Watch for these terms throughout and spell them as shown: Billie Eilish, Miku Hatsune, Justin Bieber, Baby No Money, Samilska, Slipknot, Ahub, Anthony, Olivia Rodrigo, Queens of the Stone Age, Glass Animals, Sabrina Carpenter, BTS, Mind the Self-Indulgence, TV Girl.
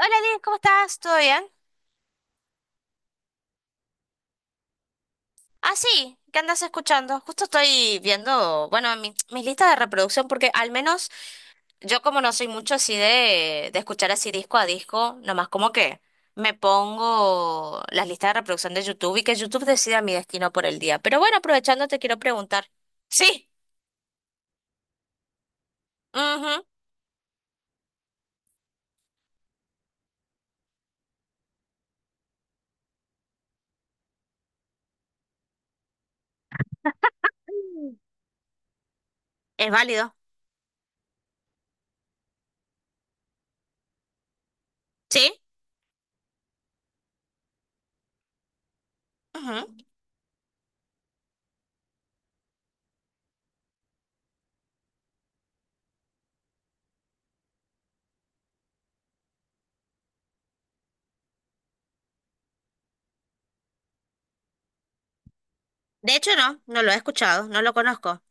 Hola, Liz, ¿cómo estás? ¿Todo bien? Ah, sí, ¿qué andas escuchando? Justo estoy viendo, bueno, mi lista de reproducción, porque al menos yo como no soy mucho así de escuchar así disco a disco, nomás como que me pongo las listas de reproducción de YouTube y que YouTube decida mi destino por el día. Pero bueno, aprovechando te quiero preguntar. Sí, ujú, es válido. Sí, ujú. De hecho no, no lo he escuchado, no lo conozco.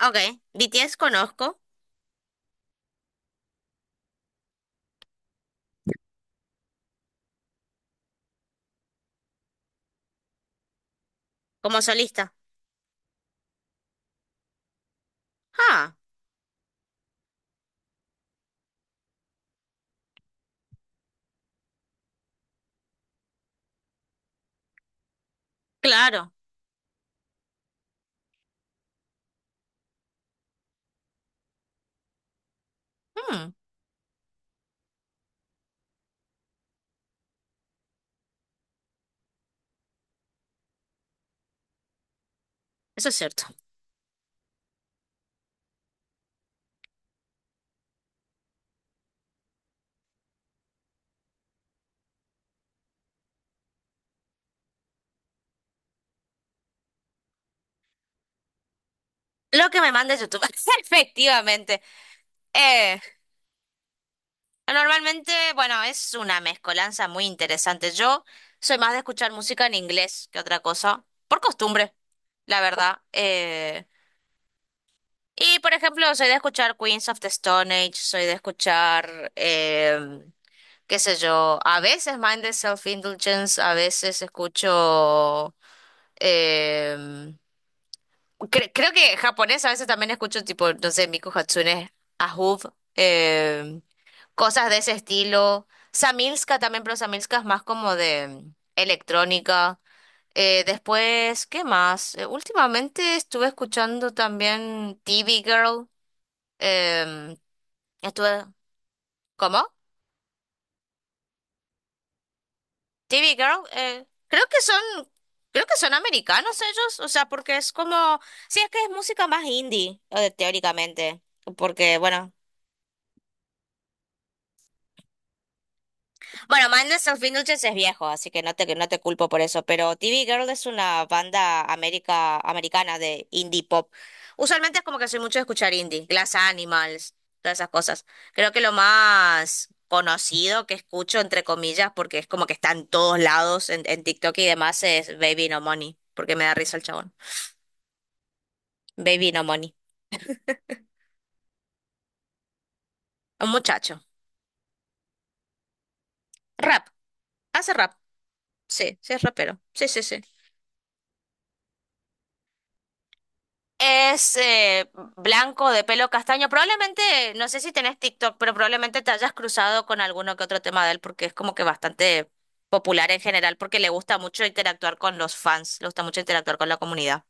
Ah, ok, BTS conozco como solista. Ah, claro. Mm, eso es cierto. Lo que me manda YouTube. Efectivamente. Eh, normalmente, bueno, es una mezcolanza muy interesante. Yo soy más de escuchar música en inglés que otra cosa, por costumbre, la verdad. Por ejemplo, soy de escuchar Queens of the Stone Age, soy de escuchar, qué sé yo, a veces Mind the Self-Indulgence, a veces escucho... em, Creo que japonés a veces también escucho tipo, no sé, Miku Hatsune, Ahub, cosas de ese estilo. Samilska también, pero Samilska es más como de electrónica. Después, ¿qué más? Últimamente estuve escuchando también TV Girl. em, estuve, ¿Cómo? TV Girl. Creo que son, creo que son americanos ellos, o sea, porque es como, sí, es que es música más indie, teóricamente, porque bueno. Bueno, Madness of Indulgence es viejo, así que no te culpo por eso, pero TV Girl es una banda América, americana de indie pop. Usualmente es como que soy mucho de escuchar indie, Glass Animals, todas esas cosas. Creo que lo más conocido que escucho, entre comillas, porque es como que está en todos lados, en TikTok y demás, es Baby No Money, porque me da risa el chabón. Baby No Money, un muchacho. Rap, Hace rap, sí, sí es rapero, sí, sí, sí. Es blanco de pelo castaño. Probablemente, no sé si tenés TikTok, pero probablemente te hayas cruzado con alguno que otro tema de él porque es como que bastante popular en general porque le gusta mucho interactuar con los fans, le gusta mucho interactuar con la comunidad.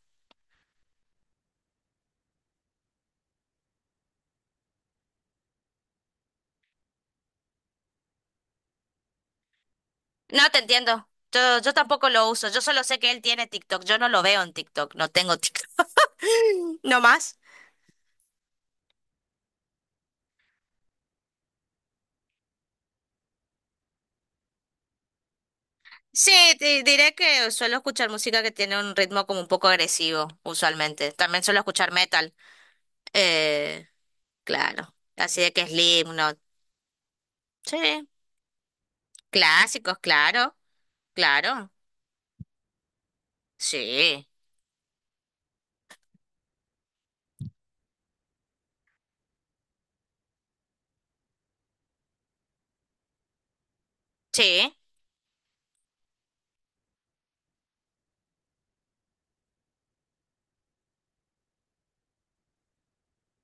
No te entiendo. Yo tampoco lo uso. Yo solo sé que él tiene TikTok. Yo no lo veo en TikTok. No tengo TikTok. No más. Sí, te diré que suelo escuchar música que tiene un ritmo como un poco agresivo, usualmente. También suelo escuchar metal. Eh, Claro, así de que Slipknot. Sí, clásicos, claro, claro. Sí, sí.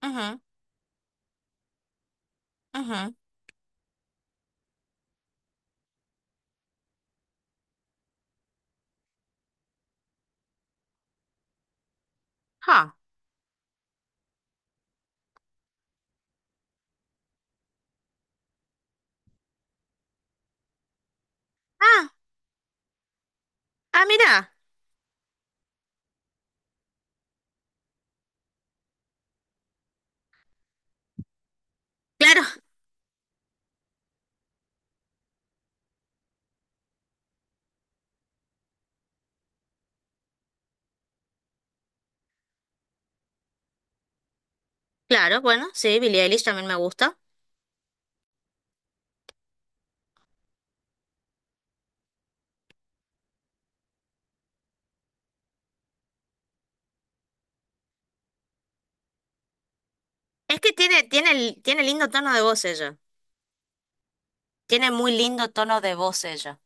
Ujú, ujú. Ah, ah, ah, mira. Claro, claro, bueno, sí, Billie Eilish también me gusta. Es que tiene lindo tono de voz ella. Tiene muy lindo tono de voz ella.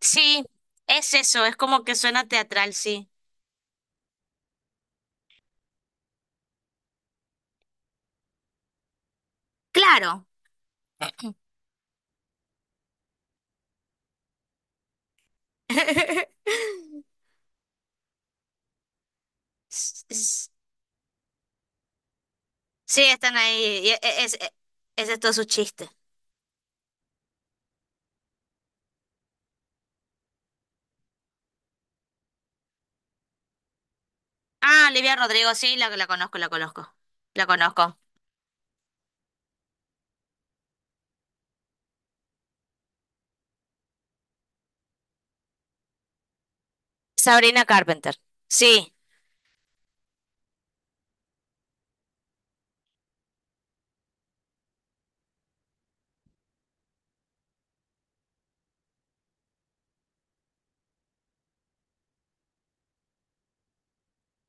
Sí, es eso, es como que suena teatral, sí. Claro. S- s- Sí, están ahí. Ese es todo su chiste. Ah, Olivia Rodrigo, sí, la conozco, la conozco. La conozco. Sabrina Carpenter. Sí.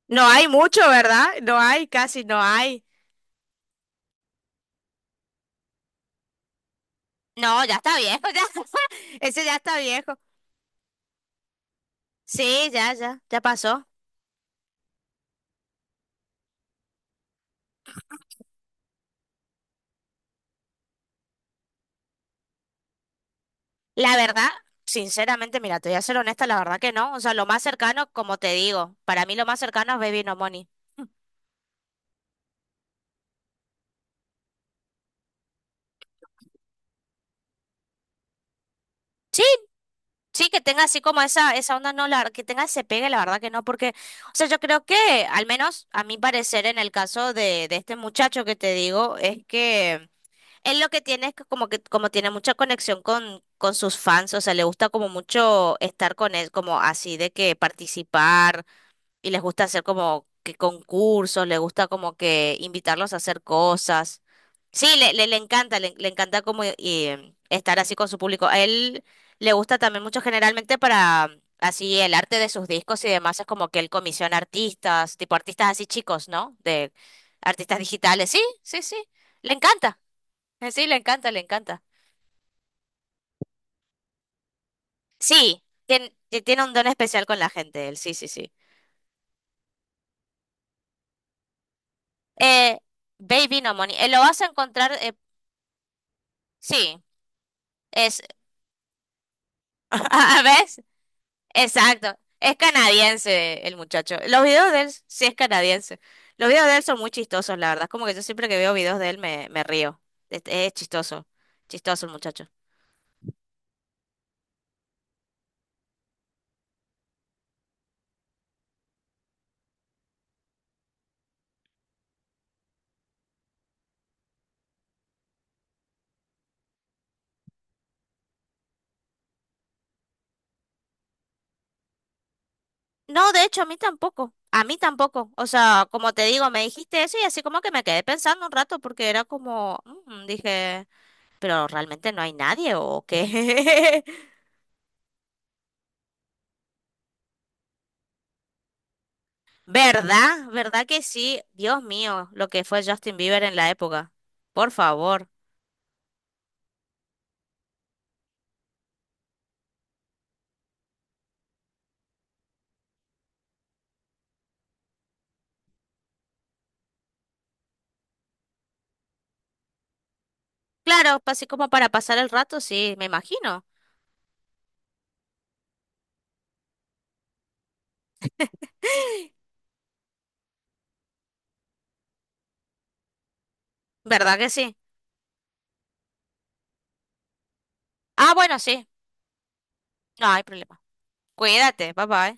No hay mucho, ¿verdad? No hay, casi no hay. No, ya está viejo, ya. Ese ya está viejo. Sí, ya pasó. La verdad, sinceramente, mira, te voy a ser honesta, la verdad que no. O sea, lo más cercano, como te digo, para mí lo más cercano es Baby No Money. Sí. Sí, que tenga así como esa onda, no, la, que tenga ese pegue, la verdad que no, porque, o sea, yo creo que, al menos a mi parecer, en el caso de este muchacho que te digo, es que él lo que tiene es que, como tiene mucha conexión con sus fans, o sea, le gusta como mucho estar con él, como así de que participar y les gusta hacer como que concursos, les gusta como que invitarlos a hacer cosas. Sí, le encanta, le encanta como estar así con su público. A él le gusta también mucho generalmente para así el arte de sus discos y demás, es como que él comisiona artistas, tipo artistas así chicos, ¿no? De artistas digitales. Sí, sí, sí, le encanta. Sí, le encanta, le encanta. Sí, tiene, tiene un don especial con la gente, él, sí, sí, sí. Eh, Baby No Money, lo vas a encontrar, sí. Es, ¿a- ¿ves? Exacto. Es canadiense el muchacho. Los videos de él sí es canadiense. Los videos de él son muy chistosos, la verdad. Es como que yo siempre que veo videos de él me río. Es chistoso. Chistoso el muchacho. No, de hecho, a mí tampoco. A mí tampoco. O sea, como te digo, me dijiste eso y así como que me quedé pensando un rato porque era como, "Mm", dije, pero realmente no hay nadie o qué. ¿Verdad? ¿Verdad que sí? Dios mío, lo que fue Justin Bieber en la época. Por favor. Claro, pues, así como para pasar el rato, sí, me imagino. ¿Verdad que sí? Ah, bueno, sí. No hay problema. Cuídate, papá.